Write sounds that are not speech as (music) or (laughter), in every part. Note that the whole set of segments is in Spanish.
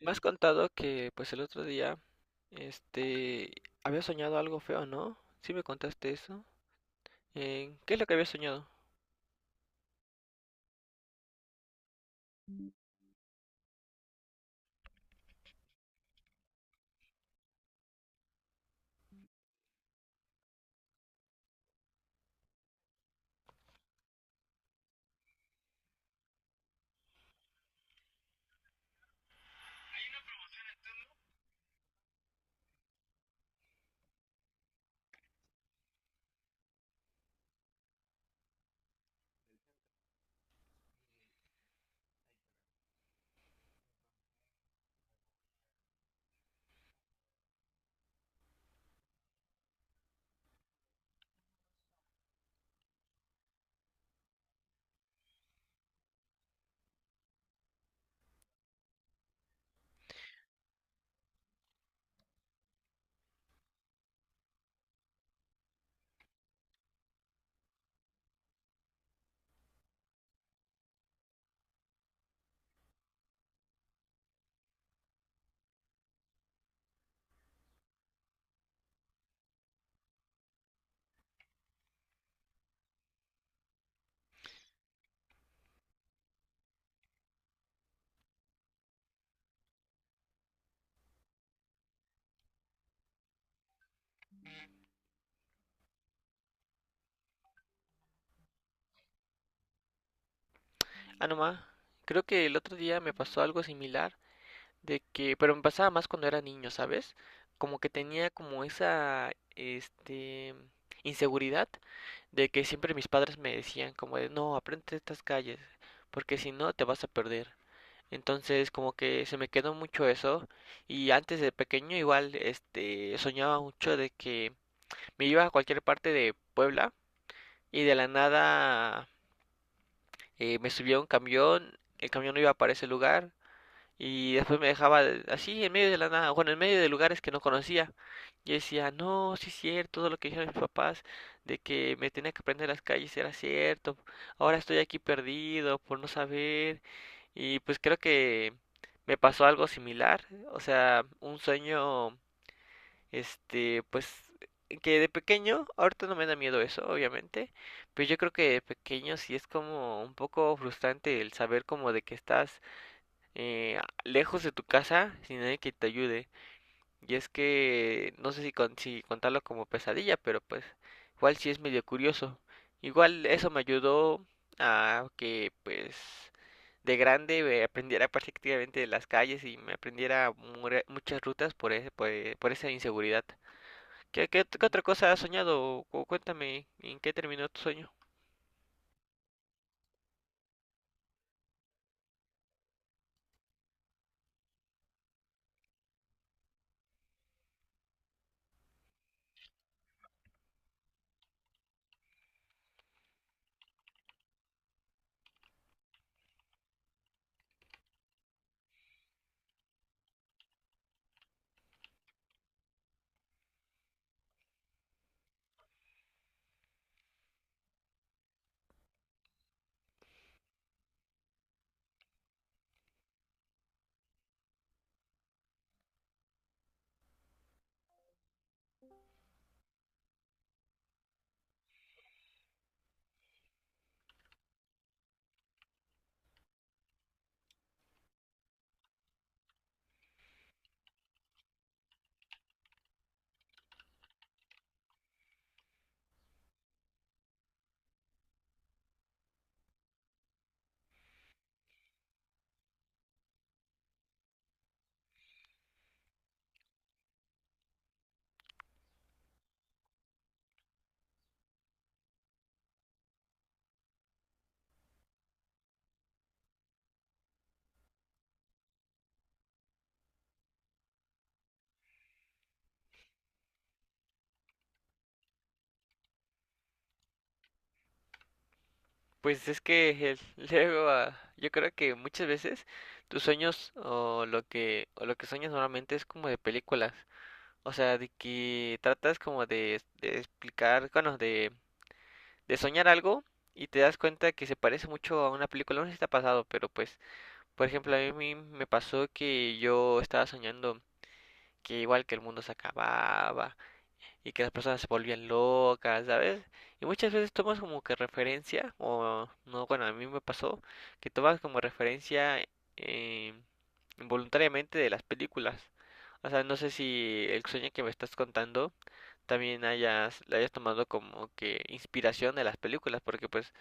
Me has contado que pues el otro día, este, había soñado algo feo, ¿no? Sí me contaste eso. ¿Qué es lo que había soñado? Ah, no ma, creo que el otro día me pasó algo similar de que, pero me pasaba más cuando era niño, ¿sabes? Como que tenía como esa, inseguridad de que siempre mis padres me decían como de, no, aprende estas calles, porque si no te vas a perder. Entonces, como que se me quedó mucho eso. Y antes de pequeño, igual, soñaba mucho de que me iba a cualquier parte de Puebla y de la nada me subía a un camión, el camión no iba para ese lugar y después me dejaba así en medio de la nada, bueno, en medio de lugares que no conocía. Y decía, no, sí es cierto, todo lo que dijeron mis papás de que me tenía que aprender las calles era cierto. Ahora estoy aquí perdido por no saber. Y pues creo que me pasó algo similar, o sea, un sueño, pues que de pequeño, ahorita no me da miedo eso, obviamente, pero yo creo que de pequeño sí es como un poco frustrante el saber como de que estás lejos de tu casa sin nadie que te ayude. Y es que no sé si, si contarlo como pesadilla, pero pues igual sí es medio curioso. Igual eso me ayudó a que pues de grande aprendiera prácticamente de las calles y me aprendiera muchas rutas por ese, por esa inseguridad. ¿ qué otra cosa has soñado? O cuéntame, ¿en qué terminó tu sueño? Pues es que (laughs) luego, ah, yo creo que muchas veces tus sueños o lo que sueñas normalmente es como de películas, o sea, de que tratas como de explicar, bueno, de soñar algo y te das cuenta que se parece mucho a una película, no sé si te ha pasado, pero pues, por ejemplo, a mí me pasó que yo estaba soñando que igual que el mundo se acababa y que las personas se volvían locas, ¿sabes? Y muchas veces tomas como que referencia, o no, bueno, a mí me pasó que tomas como referencia eh, involuntariamente de las películas. O sea, no sé si el sueño que me estás contando también hayas, la hayas tomado como que inspiración de las películas, porque pues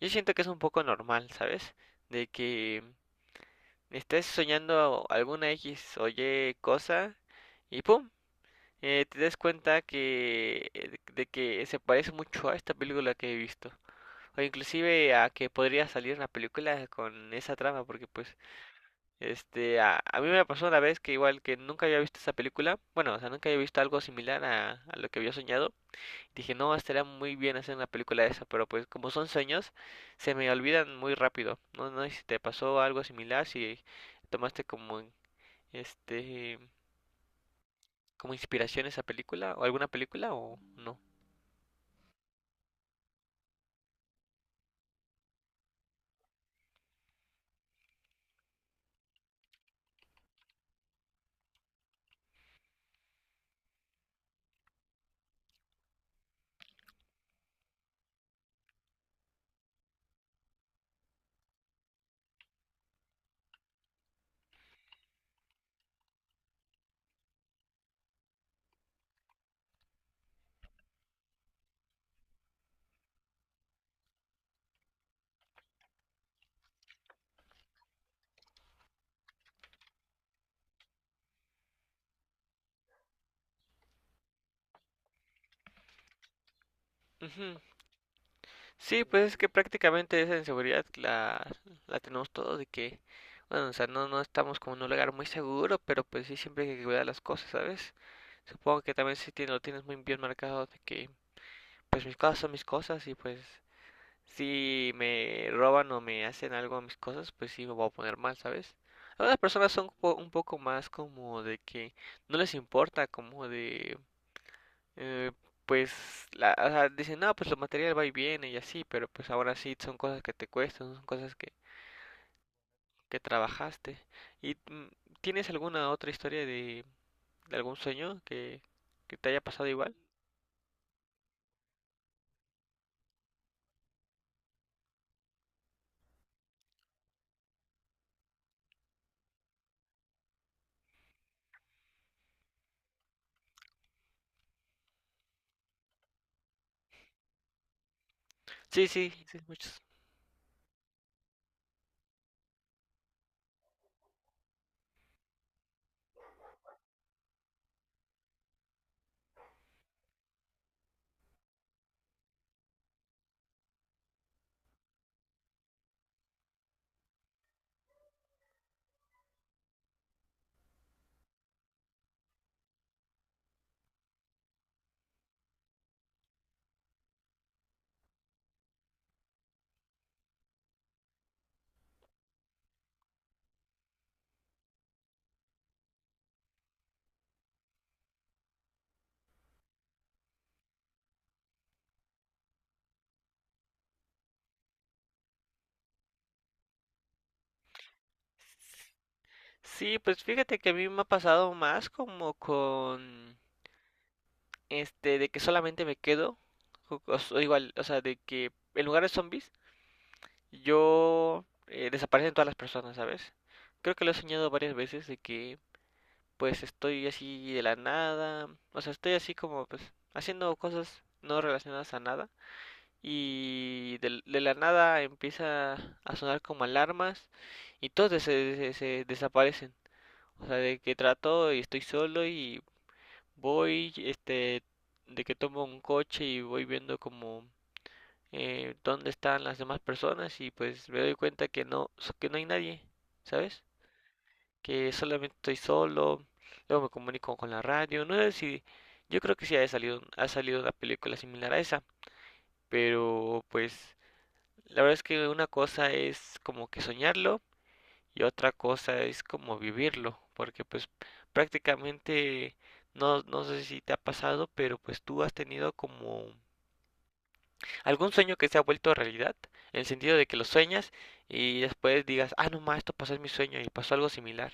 yo siento que es un poco normal, ¿sabes? De que estés soñando alguna X o Y cosa y ¡pum! Te das cuenta que de que se parece mucho a esta película que he visto o inclusive a que podría salir una película con esa trama porque pues a mí me pasó una vez que igual que nunca había visto esa película, bueno, o sea, nunca había visto algo similar a lo que había soñado. Dije, no estaría muy bien hacer una película de esa, pero pues como son sueños se me olvidan muy rápido. No sé si te pasó algo similar, si tomaste como este como inspiración esa película o alguna película o no. Ujú. Sí, pues es que prácticamente esa inseguridad la tenemos todos de que, bueno, o sea, no, no estamos como en un lugar muy seguro, pero pues sí, siempre hay que cuidar las cosas, ¿sabes? Supongo que también lo tienes muy bien marcado de que, pues mis cosas son mis cosas y pues si me roban o me hacen algo a mis cosas, pues sí me voy a poner mal, ¿sabes? Algunas personas son un poco más como de que no les importa, como de, eh, pues o sea, dicen, no, pues lo material va y viene y así, pero pues ahora sí son cosas que te cuestan, son cosas que trabajaste. ¿Y tienes alguna otra historia de algún sueño que te haya pasado igual? Sí, sí, sí, muchos. Sí, pues fíjate que a mí me ha pasado más como con de que solamente me quedo, o igual, o sea, de que en lugar de zombies yo desaparecen todas las personas, ¿sabes? Creo que lo he soñado varias veces de que pues estoy así de la nada, o sea, estoy así como pues haciendo cosas no relacionadas a nada y la nada empieza a sonar como alarmas y se desaparecen. O sea, de que trato y estoy solo y voy, de que tomo un coche y voy viendo como dónde están las demás personas y pues me doy cuenta que no hay nadie, ¿sabes? Que solamente estoy solo, luego me comunico con la radio, no sé si, yo creo que sí ha salido una película similar a esa, pero pues la verdad es que una cosa es como que soñarlo y otra cosa es como vivirlo, porque pues prácticamente no, no sé si te ha pasado, pero pues tú has tenido como, ¿algún sueño que se ha vuelto realidad? En el sentido de que lo sueñas y después digas, ah, no, más, esto pasó en mi sueño y pasó algo similar.